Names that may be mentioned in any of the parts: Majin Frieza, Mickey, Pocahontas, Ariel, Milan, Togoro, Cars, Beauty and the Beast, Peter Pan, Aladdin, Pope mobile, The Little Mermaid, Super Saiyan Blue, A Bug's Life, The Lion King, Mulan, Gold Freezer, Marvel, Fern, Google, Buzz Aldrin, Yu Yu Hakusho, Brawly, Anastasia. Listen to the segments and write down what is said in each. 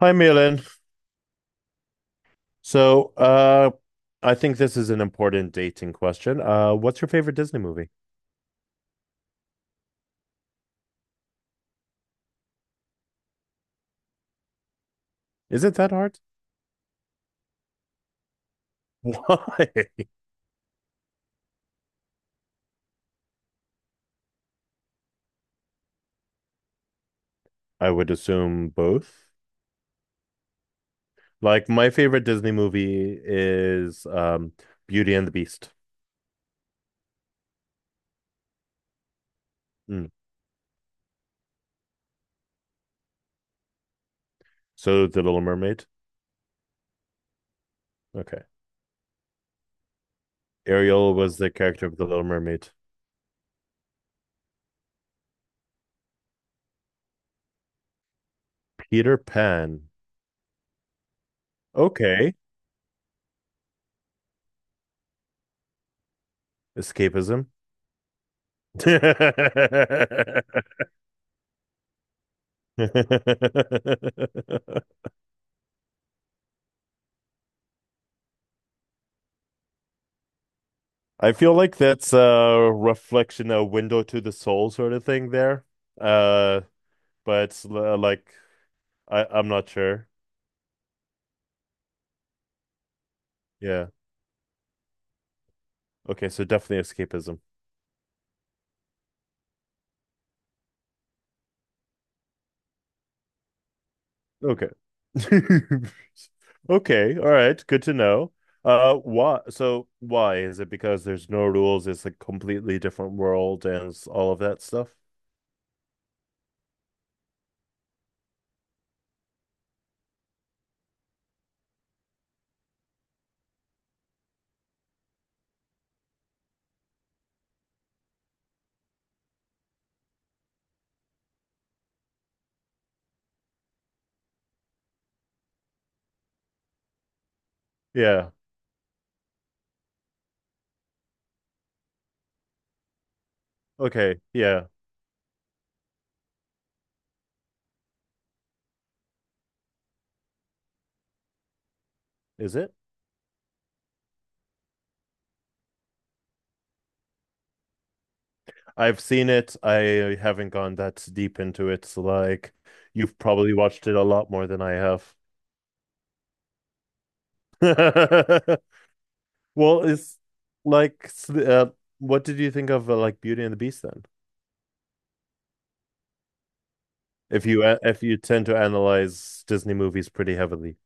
Hi, Milan. So, I think this is an important dating question. What's your favorite Disney movie? Is it that hard? Why? I would assume both. Like, my favorite Disney movie is Beauty and the Beast. Mm. So, The Little Mermaid. Okay. Ariel was the character of The Little Mermaid. Peter Pan. Okay. Escapism. I feel like that's a reflection, a window to the soul sort of thing there. Uh, but it's like I'm not sure. Yeah. Okay, so definitely escapism. Okay. Okay, all right, good to know. Why? So why is it because there's no rules? It's a completely different world and it's all of that stuff. Yeah. Okay. Yeah. Is it? I've seen it. I haven't gone that deep into it. So like you've probably watched it a lot more than I have. Well, it's like what did you think of like Beauty and the Beast then? If if you tend to analyze Disney movies pretty heavily,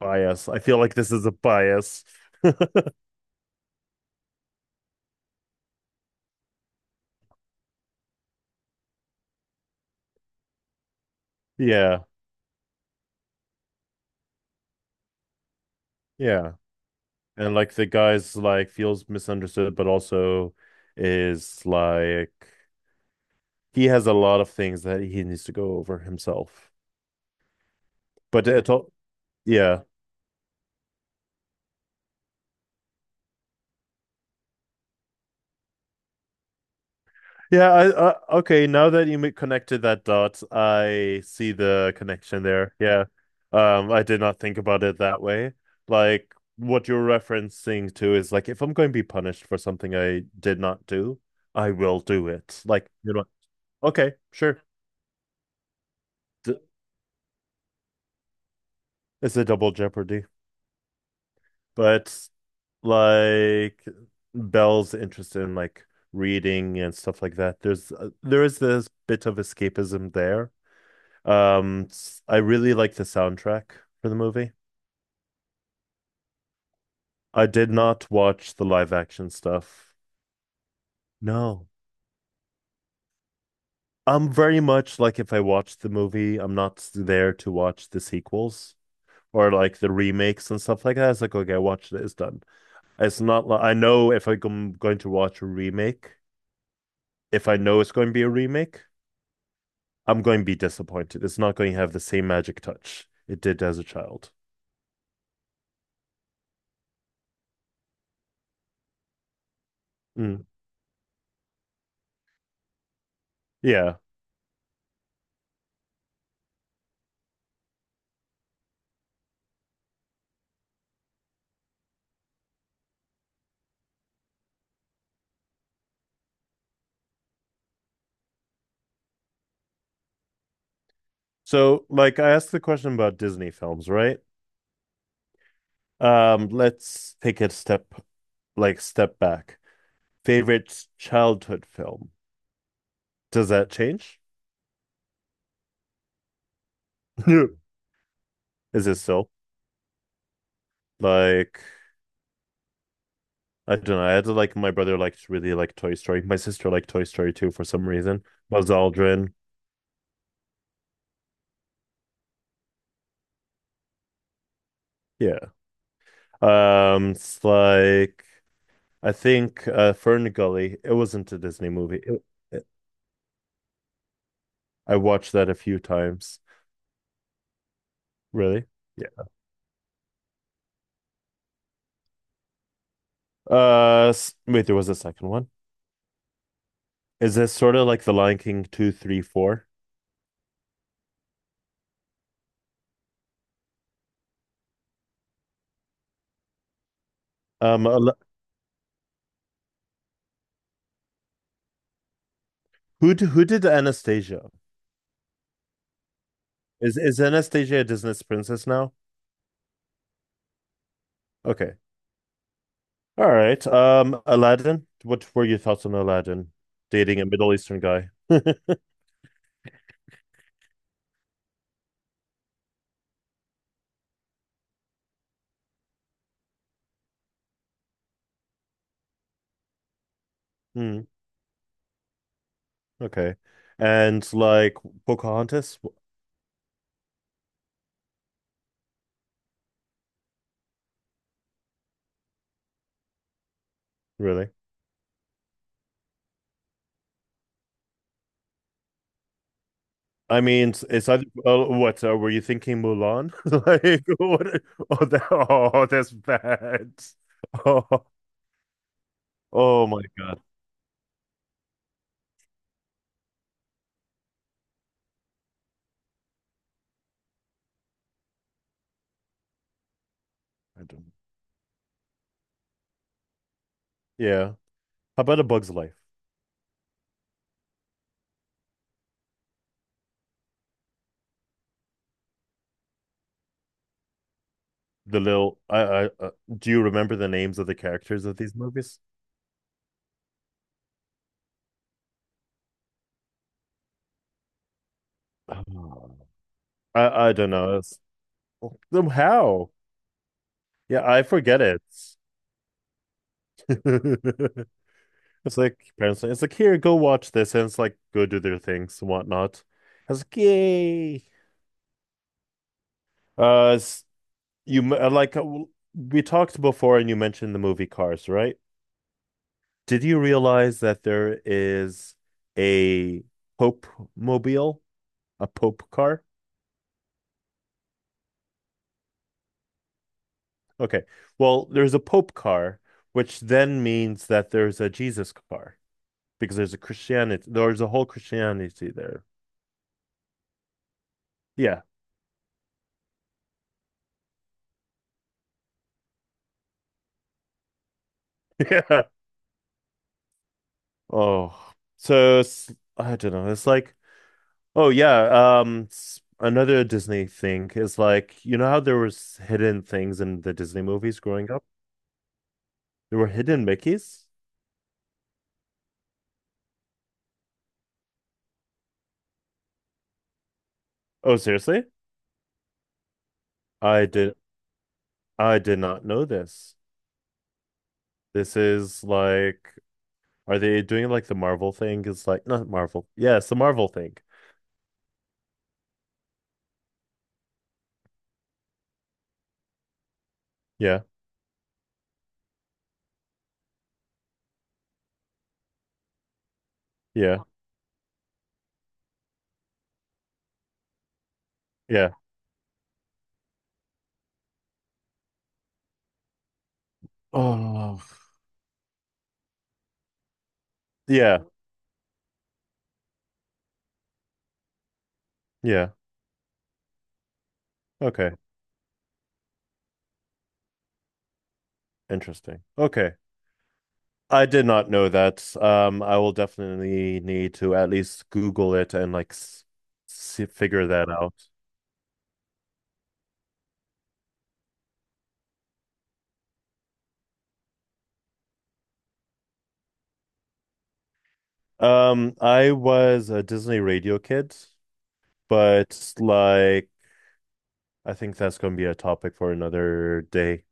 bias. I feel like this is a bias. Yeah, yeah. And like the guy's like feels misunderstood, but also is like he has a lot of things that he needs to go over himself. But it's all, yeah. Yeah, okay, now that connected that dot, I see the connection there. Yeah. I did not think about it that way. Like what you're referencing to is like if I'm going to be punished for something I did not do, I will do it. Like, okay, sure. D It's a double jeopardy. But like Belle's interest in like reading and stuff like that, there is this bit of escapism there Um, I really like the soundtrack for the movie. I did not watch the live action stuff. No. I'm very much like if I watch the movie, I'm not there to watch the sequels or like the remakes and stuff like that. It's like, okay, I watched it, it's done. It's not like I know if I'm going to watch a remake, if I know it's going to be a remake, I'm going to be disappointed. It's not going to have the same magic touch it did as a child. Mm. Yeah. So, like, I asked the question about Disney films, right? Let's take a step, like step back. Favorite childhood film. Does that change? Is it still like, I don't know. I had to, like, my brother liked really like Toy Story. My sister liked Toy Story too for some reason. Buzz Aldrin. Yeah. It's like I think Fern. It wasn't a Disney movie. It- I watched that a few times. Really? Yeah. Wait, there was a second one. Is this sort of like The Lion King two, three, four? A lo- who d- Who did Anastasia? Is Anastasia a Disney princess now? Okay. All right. Aladdin. What were your thoughts on Aladdin? Dating a Middle Eastern guy. Hmm. Okay. And like Pocahontas? Really? I mean, it's either, oh, what were you thinking, Mulan? Like, what? Oh, that, oh, that's bad. Oh, oh my God. I don't. Yeah. How about A Bug's Life? The little, I, Do you remember the names of the characters of these movies? Oh, I don't know. It's, them how? Yeah, I forget it. It's like parents. It's like here, go watch this, and it's like go do their things and whatnot. I was like, yay. It's You like We talked before, and you mentioned the movie Cars, right? Did you realize that there is a Pope mobile, a Pope car? Okay, well, there's a Pope car, which then means that there's a Jesus car because there's a whole Christianity there. Yeah, yeah. Oh, so I don't know. It's like, oh yeah, another Disney thing is like you know how there was hidden things in the Disney movies growing up? There were hidden Mickeys? Oh seriously? I did I did not know this. This is like are they doing like the Marvel thing? It's like not Marvel. Yeah, it's the Marvel thing. Yeah. Yeah. Yeah. Oh. Yeah. Yeah. Okay. Interesting. Okay. I did not know that. I will definitely need to at least Google it and like s see, figure that out. I was a Disney radio kid, but like I think that's going to be a topic for another day.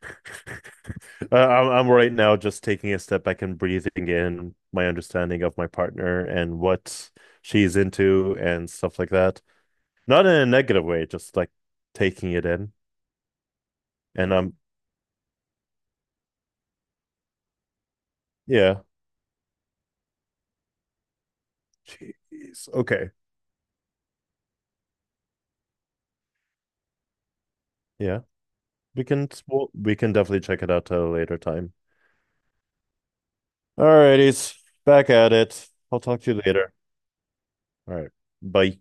I'm right now just taking a step back and breathing in my understanding of my partner and what she's into and stuff like that. Not in a negative way, just like taking it in. And I'm yeah, jeez, okay. Yeah, we can definitely check it out at a later time. All righties, back at it. I'll talk to you later. All right, bye.